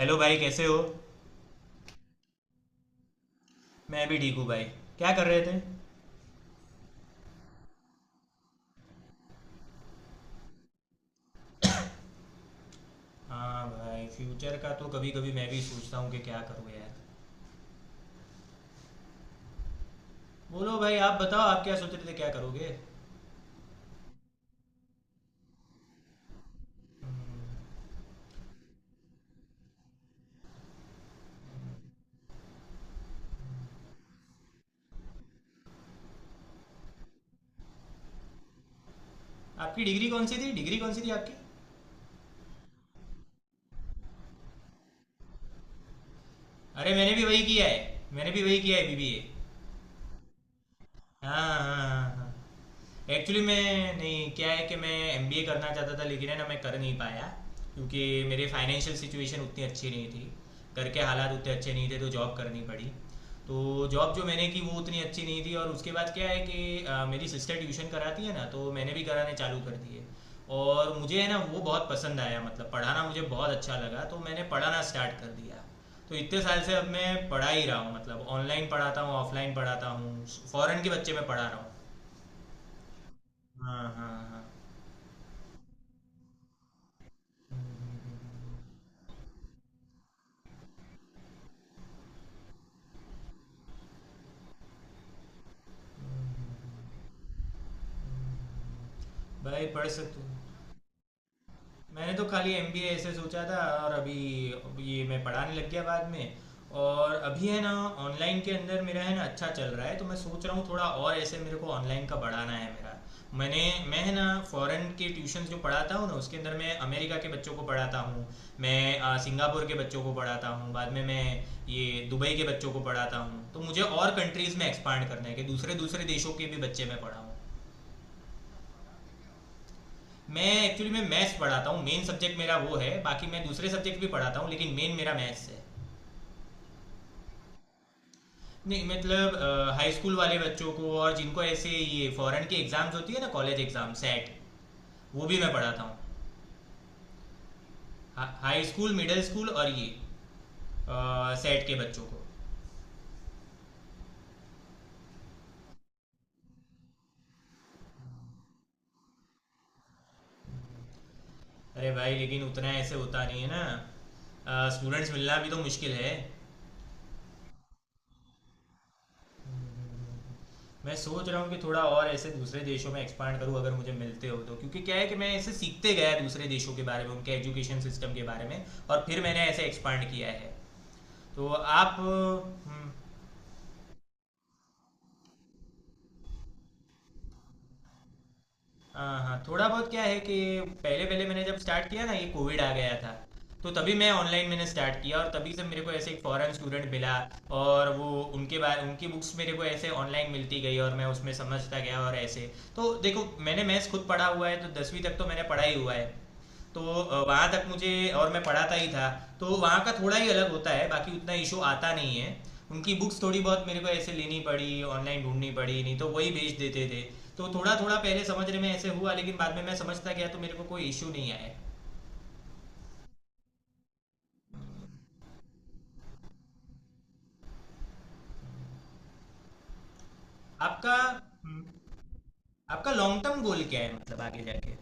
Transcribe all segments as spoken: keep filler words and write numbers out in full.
Hello भाई, कैसे हो? मैं भी ठीक हूँ भाई। क्या कर रहे थे? हाँ भाई, फ्यूचर का तो कभी कभी मैं भी सोचता हूँ कि क्या करूँ यार। बोलो भाई, आप बताओ, आप क्या सोच रहे थे, क्या करोगे? हम्म। आपकी डिग्री कौन सी थी? डिग्री कौन सी थी आपकी? अरे, मैंने भी वही किया है, मैंने भी वही किया है, बी बी ए। हाँ हाँ हाँ हाँ। एक्चुअली मैं नहीं, क्या है कि मैं एम करना चाहता था, लेकिन है ना, मैं कर नहीं पाया क्योंकि मेरे फाइनेंशियल सिचुएशन उतनी अच्छी नहीं थी। घर के हालात उतने अच्छे नहीं थे, तो जॉब करनी पड़ी। तो जॉब जो मैंने की वो उतनी अच्छी नहीं थी, और उसके बाद क्या है कि अ, मेरी सिस्टर ट्यूशन कराती है ना, तो मैंने भी कराने चालू कर दिए। और मुझे है ना वो बहुत पसंद आया, मतलब पढ़ाना मुझे बहुत अच्छा लगा, तो मैंने पढ़ाना स्टार्ट कर दिया। तो इतने साल से अब मैं पढ़ा ही रहा हूँ, मतलब ऑनलाइन पढ़ाता हूँ, ऑफलाइन पढ़ाता हूँ। फॉरेन के बच्चे मैं पढ़ा रहा हूँ। हाँ हाँ हाँ, भाई पढ़ सकते हो। मैंने तो खाली एम ऐसे सोचा था। और अभी ये मैं पढ़ाने लग गया बाद में। और अभी है ना, ऑनलाइन के अंदर मेरा है ना अच्छा चल रहा है, तो मैं सोच रहा हूँ थोड़ा और ऐसे मेरे को ऑनलाइन का बढ़ाना है मेरा। मैंने, मैं है ना फॉरेन के ट्यूशन जो पढ़ाता हूँ ना, उसके अंदर मैं अमेरिका के बच्चों को पढ़ाता हूँ। मैं अ, सिंगापुर के बच्चों को पढ़ाता हूँ, बाद में मैं ये दुबई के बच्चों को पढ़ाता हूँ, तो मुझे और कंट्रीज़ में एक्सपांड करना है कि दूसरे दूसरे देशों के भी बच्चे मैं पढ़ाऊँ। मैं एक्चुअली, मैं मैथ्स पढ़ाता हूँ, मेन सब्जेक्ट मेरा वो है, बाकी मैं दूसरे सब्जेक्ट भी पढ़ाता हूँ लेकिन मेन मेरा मैथ्स है। नहीं मतलब, हाई स्कूल वाले बच्चों को, और जिनको ऐसे ये फॉरेन की एग्जाम्स होती है ना, कॉलेज एग्जाम सेट, वो भी मैं पढ़ाता हूँ। हाई स्कूल, मिडिल स्कूल, और ये आ, सेट के बच्चों को। अरे भाई, लेकिन उतना ऐसे होता नहीं है ना, स्टूडेंट्स मिलना भी तो मुश्किल है। मैं सोच रहा हूँ कि थोड़ा और ऐसे दूसरे देशों में एक्सपांड करूँ अगर मुझे मिलते हो तो, क्योंकि क्या है कि मैं ऐसे सीखते गया दूसरे देशों के बारे में, उनके एजुकेशन सिस्टम के बारे में, और फिर मैंने ऐसे एक्सपांड किया है। तो आप, हम्म। हाँ हाँ, थोड़ा बहुत, क्या है कि पहले पहले मैंने जब स्टार्ट किया ना, ये कोविड आ गया था, तो तभी मैं ऑनलाइन मैंने स्टार्ट किया, और तभी से मेरे को ऐसे एक फॉरेन स्टूडेंट मिला। और वो उनके बारे, उनकी बुक्स मेरे को ऐसे ऑनलाइन मिलती गई, और मैं उसमें समझता गया, और ऐसे, तो देखो मैंने मैथ्स खुद पढ़ा हुआ है तो दसवीं तक तो मैंने पढ़ा ही हुआ है। तो अ, वहाँ तक मुझे, और मैं पढ़ाता ही था। तो वहाँ का थोड़ा ही अलग होता है, बाकी उतना इशू आता नहीं है। उनकी बुक्स थोड़ी बहुत मेरे को ऐसे लेनी पड़ी, ऑनलाइन ढूंढनी पड़ी, नहीं तो वही भेज देते थे। तो थोड़ा थोड़ा पहले समझने में ऐसे हुआ, लेकिन बाद में मैं समझता गया तो मेरे को कोई इशू नहीं आया। आपका, हम्म। आपका लॉन्ग टर्म गोल क्या है, मतलब आगे जाके?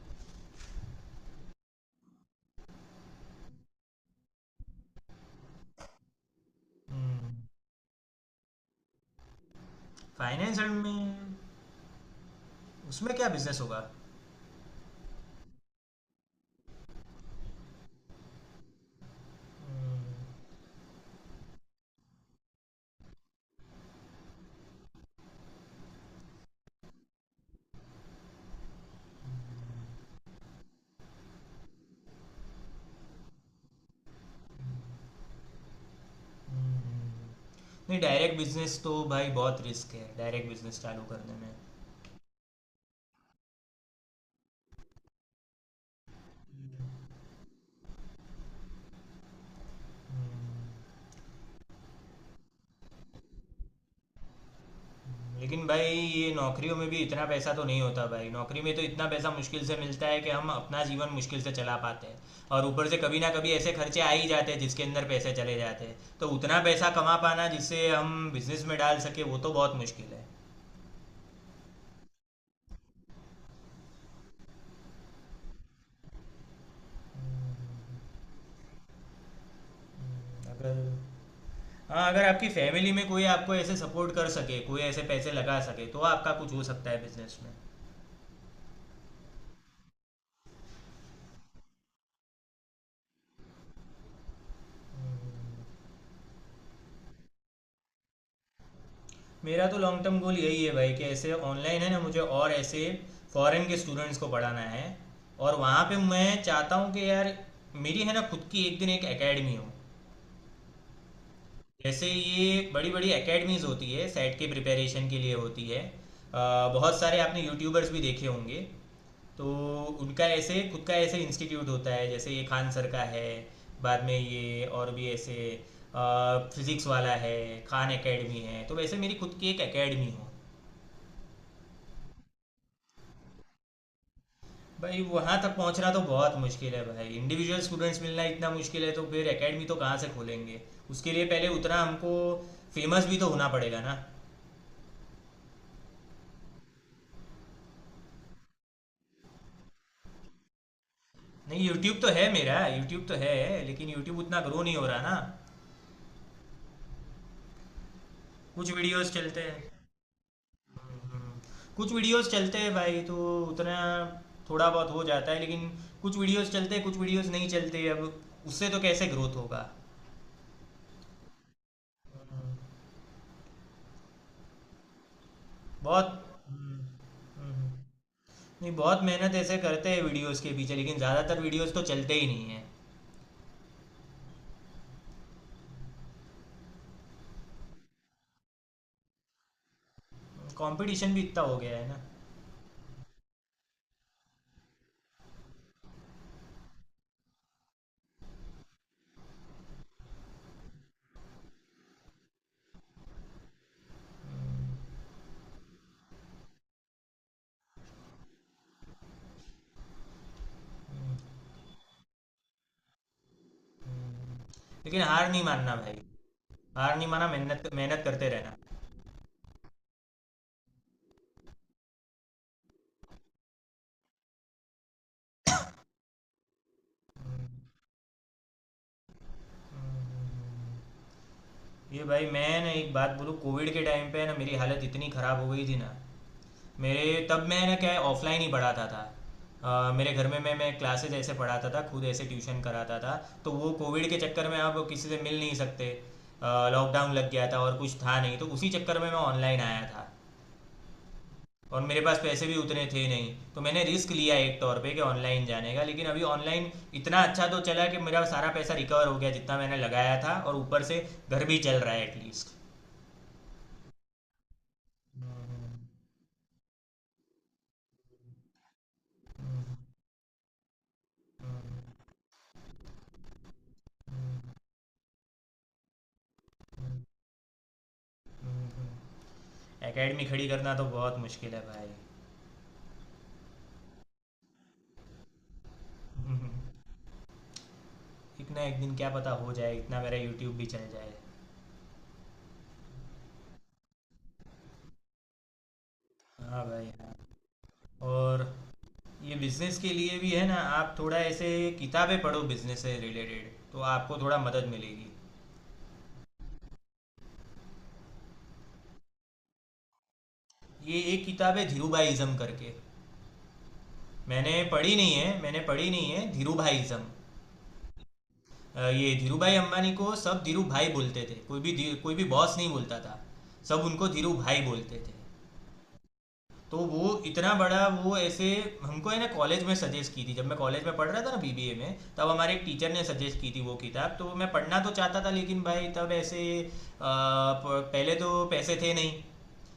फाइनेंस में? उसमें क्या बिजनेस होगा? हम्म। हम्म। नहीं, डायरेक्ट बिजनेस तो भाई बहुत रिस्क है डायरेक्ट बिजनेस चालू करने में। हम्म। लेकिन भाई ये नौकरियों में भी इतना पैसा तो नहीं होता भाई, नौकरी में तो इतना पैसा मुश्किल से मिलता है कि हम अपना जीवन मुश्किल से चला पाते हैं। और ऊपर से कभी ना कभी ऐसे खर्चे आ ही जाते हैं जिसके अंदर पैसे चले जाते हैं, तो उतना पैसा कमा पाना जिससे हम बिजनेस में डाल सके वो तो बहुत मुश्किल है। अगर, हाँ अगर आपकी फैमिली में कोई आपको ऐसे सपोर्ट कर सके, कोई ऐसे पैसे लगा सके, तो आपका कुछ हो सकता है बिजनेस में। मेरा तो लॉन्ग टर्म गोल यही है भाई कि ऐसे ऑनलाइन है ना, मुझे और ऐसे फॉरेन के स्टूडेंट्स को पढ़ाना है। और वहाँ पे मैं चाहता हूँ कि यार मेरी है ना खुद की एक दिन एक एकेडमी हो। जैसे ये बड़ी बड़ी एकेडमीज होती है, सेट के प्रिपरेशन के लिए होती है, अ, बहुत सारे आपने यूट्यूबर्स भी देखे होंगे। तो उनका ऐसे खुद का ऐसे इंस्टीट्यूट होता है, जैसे ये खान सर का है, बाद में ये और भी ऐसे फिजिक्स वाला है, खान एकेडमी है, तो वैसे मेरी खुद की एक एकेडमी हो। भाई वहां तक पहुंचना तो बहुत मुश्किल है भाई, इंडिविजुअल स्टूडेंट्स मिलना इतना मुश्किल है तो फिर एकेडमी तो कहाँ से खोलेंगे। उसके लिए पहले उतना हमको फेमस भी तो होना पड़ेगा ना। नहीं, यूट्यूब तो है मेरा, यूट्यूब तो है, लेकिन यूट्यूब उतना ग्रो नहीं हो रहा ना। कुछ वीडियोस चलते हैं। हम्म। कुछ वीडियोस चलते हैं भाई, तो उतना थोड़ा बहुत हो जाता है, लेकिन कुछ वीडियोस चलते हैं, कुछ वीडियोस नहीं चलते, अब उससे तो कैसे ग्रोथ होगा। हम्म, बहुत। हम्म। हम्म। नहीं, बहुत मेहनत ऐसे करते हैं वीडियोस के पीछे, लेकिन ज़्यादातर वीडियोस तो चलते ही नहीं है। कंपटीशन भी इतना हो गया है ना। हम्म। लेकिन हार नहीं मानना भाई। हार नहीं माना, मेहनत मेहनत करते रहना। हम्म। ये भाई मैं ना एक बात बोलूँ, कोविड के टाइम पे ना मेरी हालत इतनी ख़राब हो गई थी ना। मेरे तब मैंने क्या है, ऑफलाइन ही पढ़ाता था। अ, मेरे घर में मैं मैं क्लासेज ऐसे पढ़ाता था, खुद ऐसे ट्यूशन कराता था। तो वो कोविड के चक्कर में अब किसी से मिल नहीं सकते, लॉकडाउन लग गया था और कुछ था नहीं तो उसी चक्कर में मैं ऑनलाइन आया था। और मेरे पास पैसे भी उतने थे नहीं, तो मैंने रिस्क लिया एक तौर पे कि ऑनलाइन जाने का, लेकिन अभी ऑनलाइन इतना अच्छा तो चला कि मेरा सारा पैसा रिकवर हो गया जितना मैंने लगाया था, और ऊपर से घर भी चल रहा है। एटलीस्ट एकेडमी खड़ी करना तो बहुत मुश्किल है भाई। एक ना एक दिन क्या पता हो जाए, इतना मेरा यूट्यूब भी चल जाए। हाँ भाई हाँ। और ये बिजनेस के लिए भी है ना, आप थोड़ा ऐसे किताबें पढ़ो बिजनेस से रिलेटेड, तो आपको थोड़ा मदद मिलेगी। ये एक किताब है धीरूभाईज़म करके, मैंने पढ़ी नहीं है, मैंने पढ़ी नहीं है धीरूभाईज़म। अ, ये धीरूभाई अंबानी को सब धीरू भाई बोलते थे, कोई भी धी- कोई भी बॉस नहीं बोलता था, सब उनको धीरू भाई बोलते थे। तो वो इतना बड़ा, वो ऐसे हमको है ना कॉलेज में सजेस्ट की थी, जब मैं कॉलेज में पढ़ रहा था ना बी बी ए में, तब हमारे एक टीचर ने सजेस्ट की थी वो किताब, तो मैं पढ़ना तो चाहता था, लेकिन भाई तब ऐसे अ, प- पहले तो पैसे थे नहीं।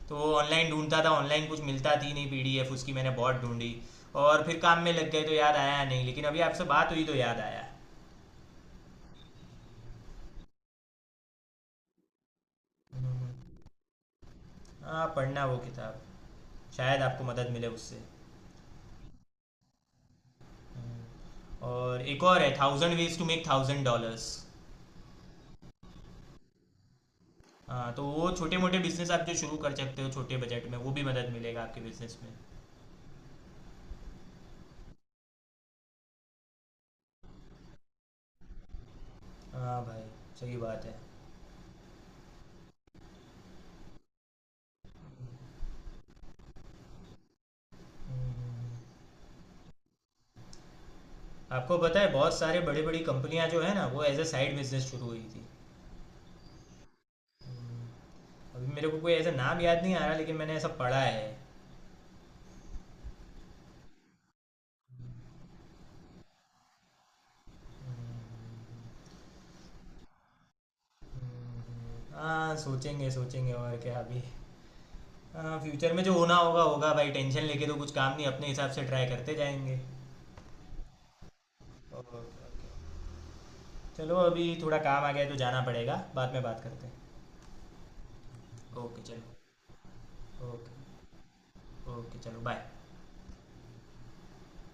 तो ऑनलाइन ढूंढता था, ऑनलाइन कुछ मिलता थी नहीं, पी डी एफ उसकी मैंने बहुत ढूंढी। और फिर काम में लग गए तो याद आया नहीं, लेकिन अभी आपसे बात हुई तो याद आया। हम्म। हाँ पढ़ना वो किताब, शायद आपको मदद मिले उससे। हम्म। और एक और है, thousand ways to make thousand dollars. हाँ, तो वो छोटे मोटे बिजनेस आप जो शुरू कर सकते हो छोटे बजट में, वो भी मदद मिलेगा आपके बिजनेस में। हाँ भाई, सही बात है। हम्म। आपको पता है बहुत सारे बड़ी बड़ी कंपनियां जो है ना, वो एज अ साइड बिजनेस शुरू हुई थी। हम्म। अभी मेरे को कोई ऐसा नाम याद नहीं आ रहा, लेकिन मैंने ऐसा पढ़ा है। हम्म। हाँ सोचेंगे सोचेंगे, और क्या अभी। हाँ, फ्यूचर में जो होना होगा होगा भाई, टेंशन लेके तो कुछ काम नहीं, अपने हिसाब से ट्राई करते जाएंगे। ओके ओके, चलो अभी थोड़ा काम आ गया है तो जाना पड़ेगा, बाद में बात करते हैं। ओके चलो। ओके, ओके चलो, बाय।